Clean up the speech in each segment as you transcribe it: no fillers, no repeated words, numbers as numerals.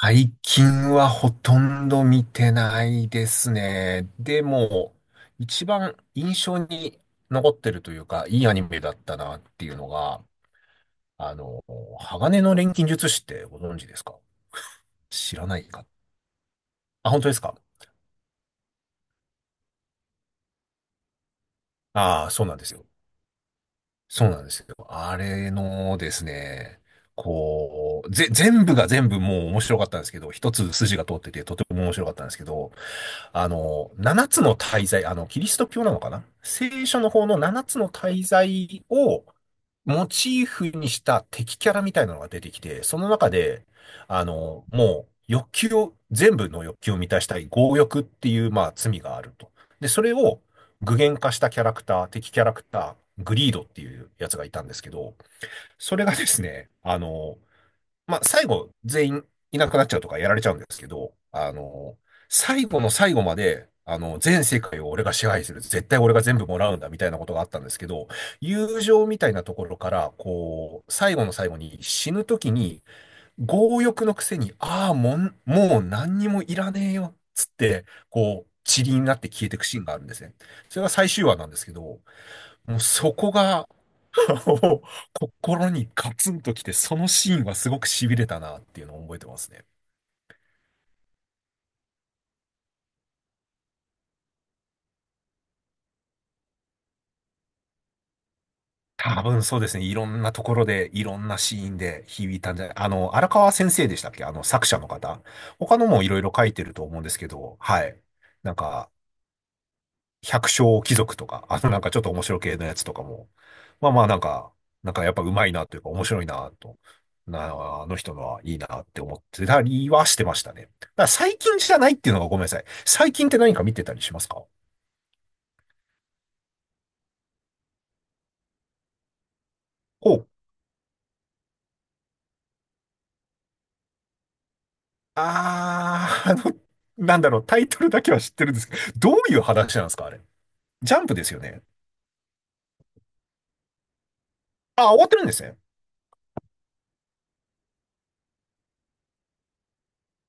最近はほとんど見てないですね。でも、一番印象に残ってるというか、いいアニメだったなっていうのが、あの、鋼の錬金術師ってご存知ですか？知らないか。あ、本当ですか？ああー、そうなんですよ。そうなんですよ。あれのですね、こう、全部が全部もう面白かったんですけど、一つ筋が通っててとても面白かったんですけど、あの、七つの大罪、あの、キリスト教なのかな、聖書の方の七つの大罪をモチーフにした敵キャラみたいなのが出てきて、その中で、あの、もう欲求を、全部の欲求を満たしたい、強欲っていう、まあ、罪があると。で、それを具現化したキャラクター、敵キャラクター、グリードっていうやつがいたんですけど、それがですね、あの、まあ、最後、全員いなくなっちゃうとかやられちゃうんですけど、あの、最後の最後まで、あの、全世界を俺が支配する。絶対俺が全部もらうんだ、みたいなことがあったんですけど、友情みたいなところから、こう、最後の最後に死ぬ時に、強欲のくせに、ああ、もう何にもいらねえよ、つって、こう、塵になって消えていくシーンがあるんですね。それが最終話なんですけど、もうそこが、お心にガツンときて、そのシーンはすごく痺れたなっていうのを覚えてますね。多分そうですね。いろんなところで、いろんなシーンで響いたんじゃない、あの、荒川先生でしたっけ、あの、作者の方。他のもいろいろ書いてると思うんですけど、はい。なんか、百姓貴族とか、あの、なんかちょっと面白系のやつとかも、まあまあなんか、なんかやっぱ上手いなというか面白いなと、な、あの人のはいいなって思ってたりはしてましたね。だから最近じゃないっていうのがごめんなさい。最近って何か見てたりしますか？ほう。あー、あの、なんだろう、タイトルだけは知ってるんですけど、どういう話なんですかあれ。ジャンプですよね。あ、終わってるんですね。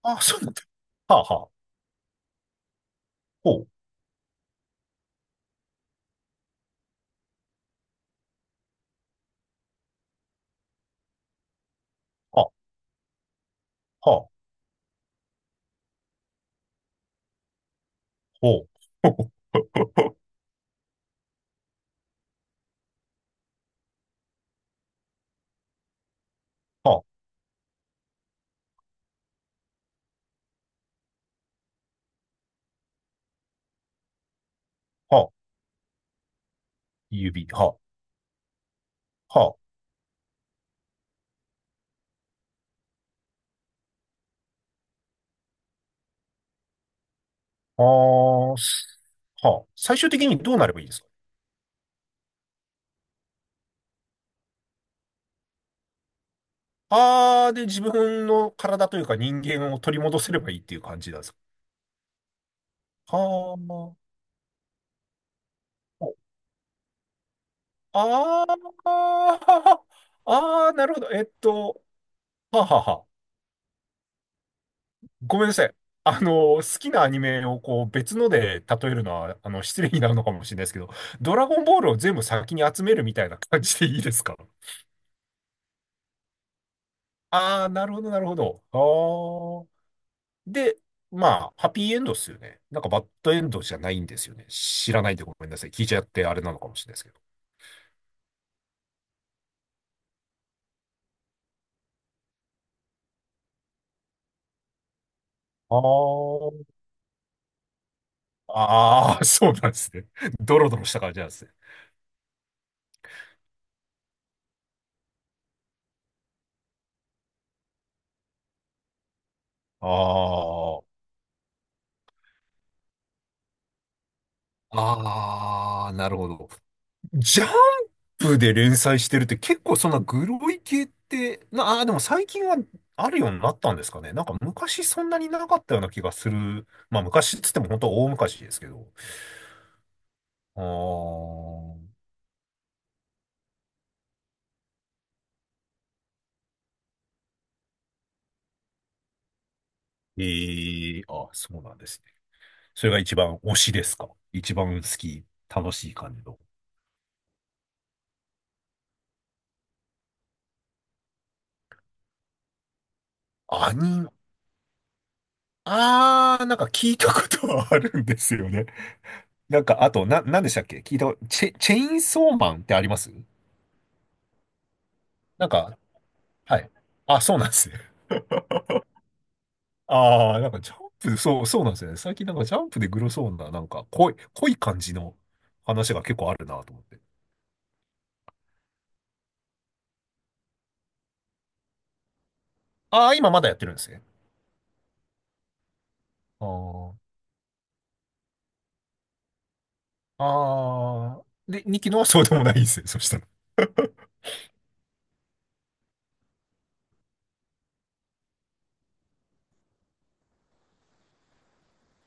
あ、そうなんだ。はあはあ。ほう。はあ、はあ、ほう。ほう、はあ、はあ、指、はあ、はあ。ああ、す、はあ、最終的にどうなればいいですか？ああー、で、自分の体というか人間を取り戻せればいいっていう感じなんですか？はあ、ああ、ああ、なるほど。えっと、はあはあはあ。ごめんなさい。あの、好きなアニメをこう別ので例えるのは、あの、失礼になるのかもしれないですけど、ドラゴンボールを全部先に集めるみたいな感じでいいですか？ああー、なるほど、なるほど。で、まあ、ハッピーエンドっすよね。なんかバッドエンドじゃないんですよね。知らないでごめんなさい。聞いちゃってあれなのかもしれないですけど。ああああ、そうなんですね。ドロドロした感じなんですね。ああ。ああ、なるほど。ジャンプで連載してるって結構そんなグロい系って、な、ああ、でも最近はあるようになったんですかね。なんか昔そんなになかったような気がする。まあ、昔っつっても本当大昔ですけど。ああ、ええあ、そうなんですね。それが一番推しですか？一番好き、楽しい感じの。アニメ、あー、なんか聞いたことはあるんですよね。なんか、あと、なんでしたっけ聞いたこと、チェインソーマンってあります？なんか、はい。あ、そうなんですね。あー、なんかジャンプ、そう、そうなんですよね。最近なんかジャンプでグロそうな、なんか濃い、濃い感じの話が結構あるなと思って。あー、今まだやってるんですね。あー、あー、で、2期のはそうでもないんですね。そしたら。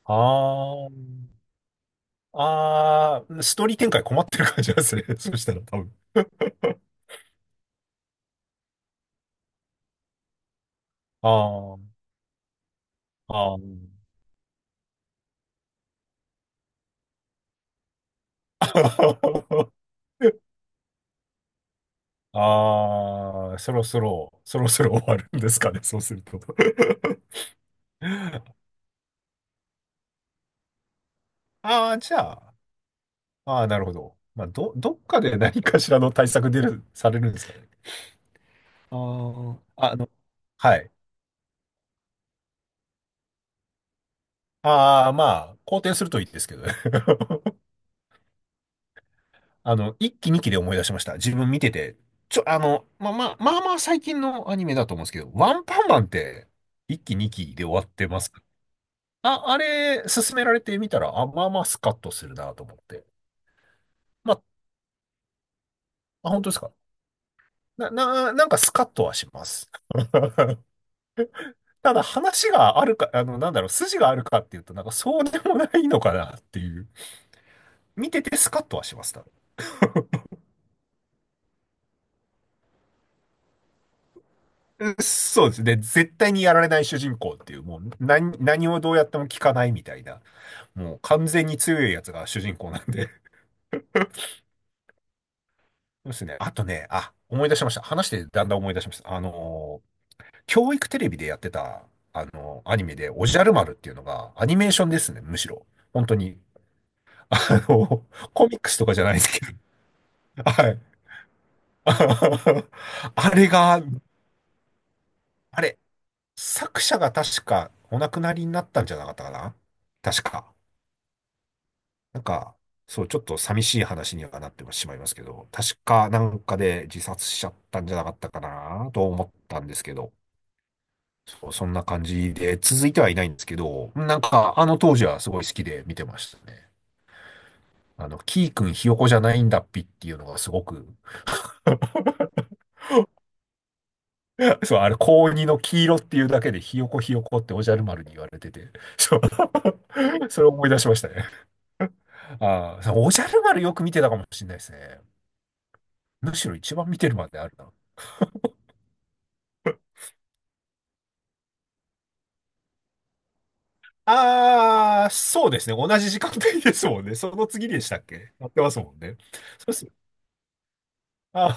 あー。ああ、ストーリー展開困ってる感じですね。そしたら多分。ああ、ああ。ああ、そろそろ、そろそろ終わるんですかね、そうすると。ああ、じゃあ、ああ、なるほど。まあ、どっかで何かしらの対策出る、されるんですかね。ああ、あの、はい。ああ、まあ、好転するといいですけどね。あの、一期二期で思い出しました。自分見てて。ちょ、あの、まあまあ、まあまあ最近のアニメだと思うんですけど、ワンパンマンって一期二期で終わってます。あ、あれ、勧められてみたら、あ、まあまあスカッとするなと思って。まあ、あ、本当ですか。なんかスカッとはします。ただ話があるか、あの、なんだろう、筋があるかっていうと、なんかそうでもないのかなっていう。見ててスカッとはします。多分うんそうですね。絶対にやられない主人公っていう、もう何をどうやっても聞かないみたいな。もう完全に強いやつが主人公なんで。そうですね。あとね、あ、思い出しました。話してだんだん思い出しました。あのー、教育テレビでやってた、あのー、アニメで、おじゃる丸っていうのが、アニメーションですね、むしろ。本当に。あのー、コミックスとかじゃないですけど。はい。あれが、あれ、作者が確かお亡くなりになったんじゃなかったかな、確か。なんか、そう、ちょっと寂しい話にはなってしまいますけど、確かなんかで自殺しちゃったんじゃなかったかなと思ったんですけど、そう、そんな感じで、続いてはいないんですけど、なんかあの当時はすごい好きで見てましたね。あの、キー君ひよこじゃないんだっぴっていうのがすごく そう、あれ、高2の黄色っていうだけでひよこひよこっておじゃる丸に言われてて、そう、それを思い出しましたね。ああ、そう、おじゃる丸よく見てたかもしれないですね。むしろ一番見てるまであるな。ああ、そうですね。同じ時間帯ですもんね。その次でしたっけ、やってますもんね。そうです。あ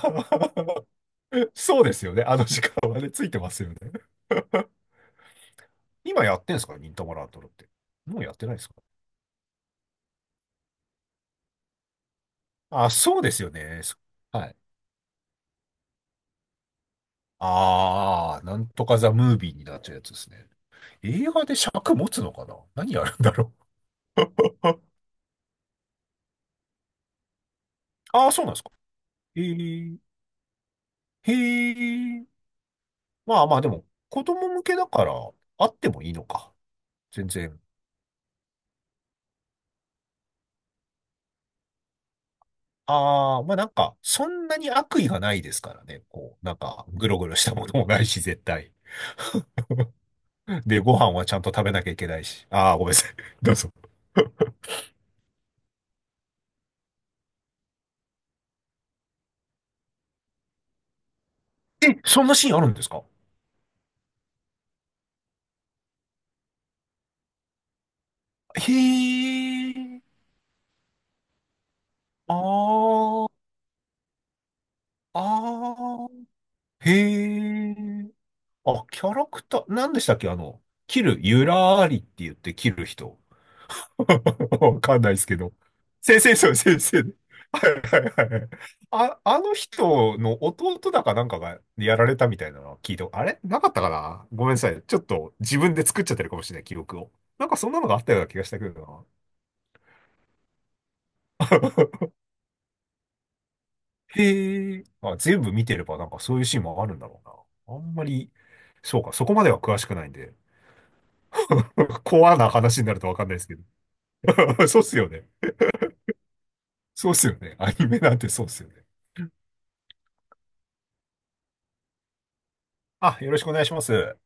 ー、 そうですよね。あの時間はね、ついてますよね。今やってんすか忍たま乱太郎って。もうやってないですか？あ、そうですよね。そ、はい。ああ、なんとかザ・ムービーになっちゃうやつですね。映画で尺持つのかな、何やるんだろう。 ああ、そうなんですか。へえ、へえ。まあまあ、でも、子供向けだから、あってもいいのか。全然。ああ、まあなんか、そんなに悪意がないですからね。こう、なんか、ぐろぐろしたものもないし、絶対。で、ご飯はちゃんと食べなきゃいけないし。ああ、ごめんなさい。どうぞ。え、そんなシーンあるんですか？へえ、あー、あー、へえ、あ、キャラクター、何でしたっけあの、キル、ユラーリって言ってキル人。わかんないですけど。先生、そう、先生。はいはいはいはい。あ、あの人の弟だかなんかがやられたみたいなのは聞いた。あれなかったかな、ごめんなさい。ちょっと自分で作っちゃってるかもしれない、記録を。なんかそんなのがあったような気がしたけどな。へえ。あ、全部見てればなんかそういうシーンもあるんだろうな。あんまり、そうか、そこまでは詳しくないんで。コアな話になるとわかんないですけど。そうっすよね。そうっすよね。アニメなんてそうっすよね。あ、よろしくお願いします。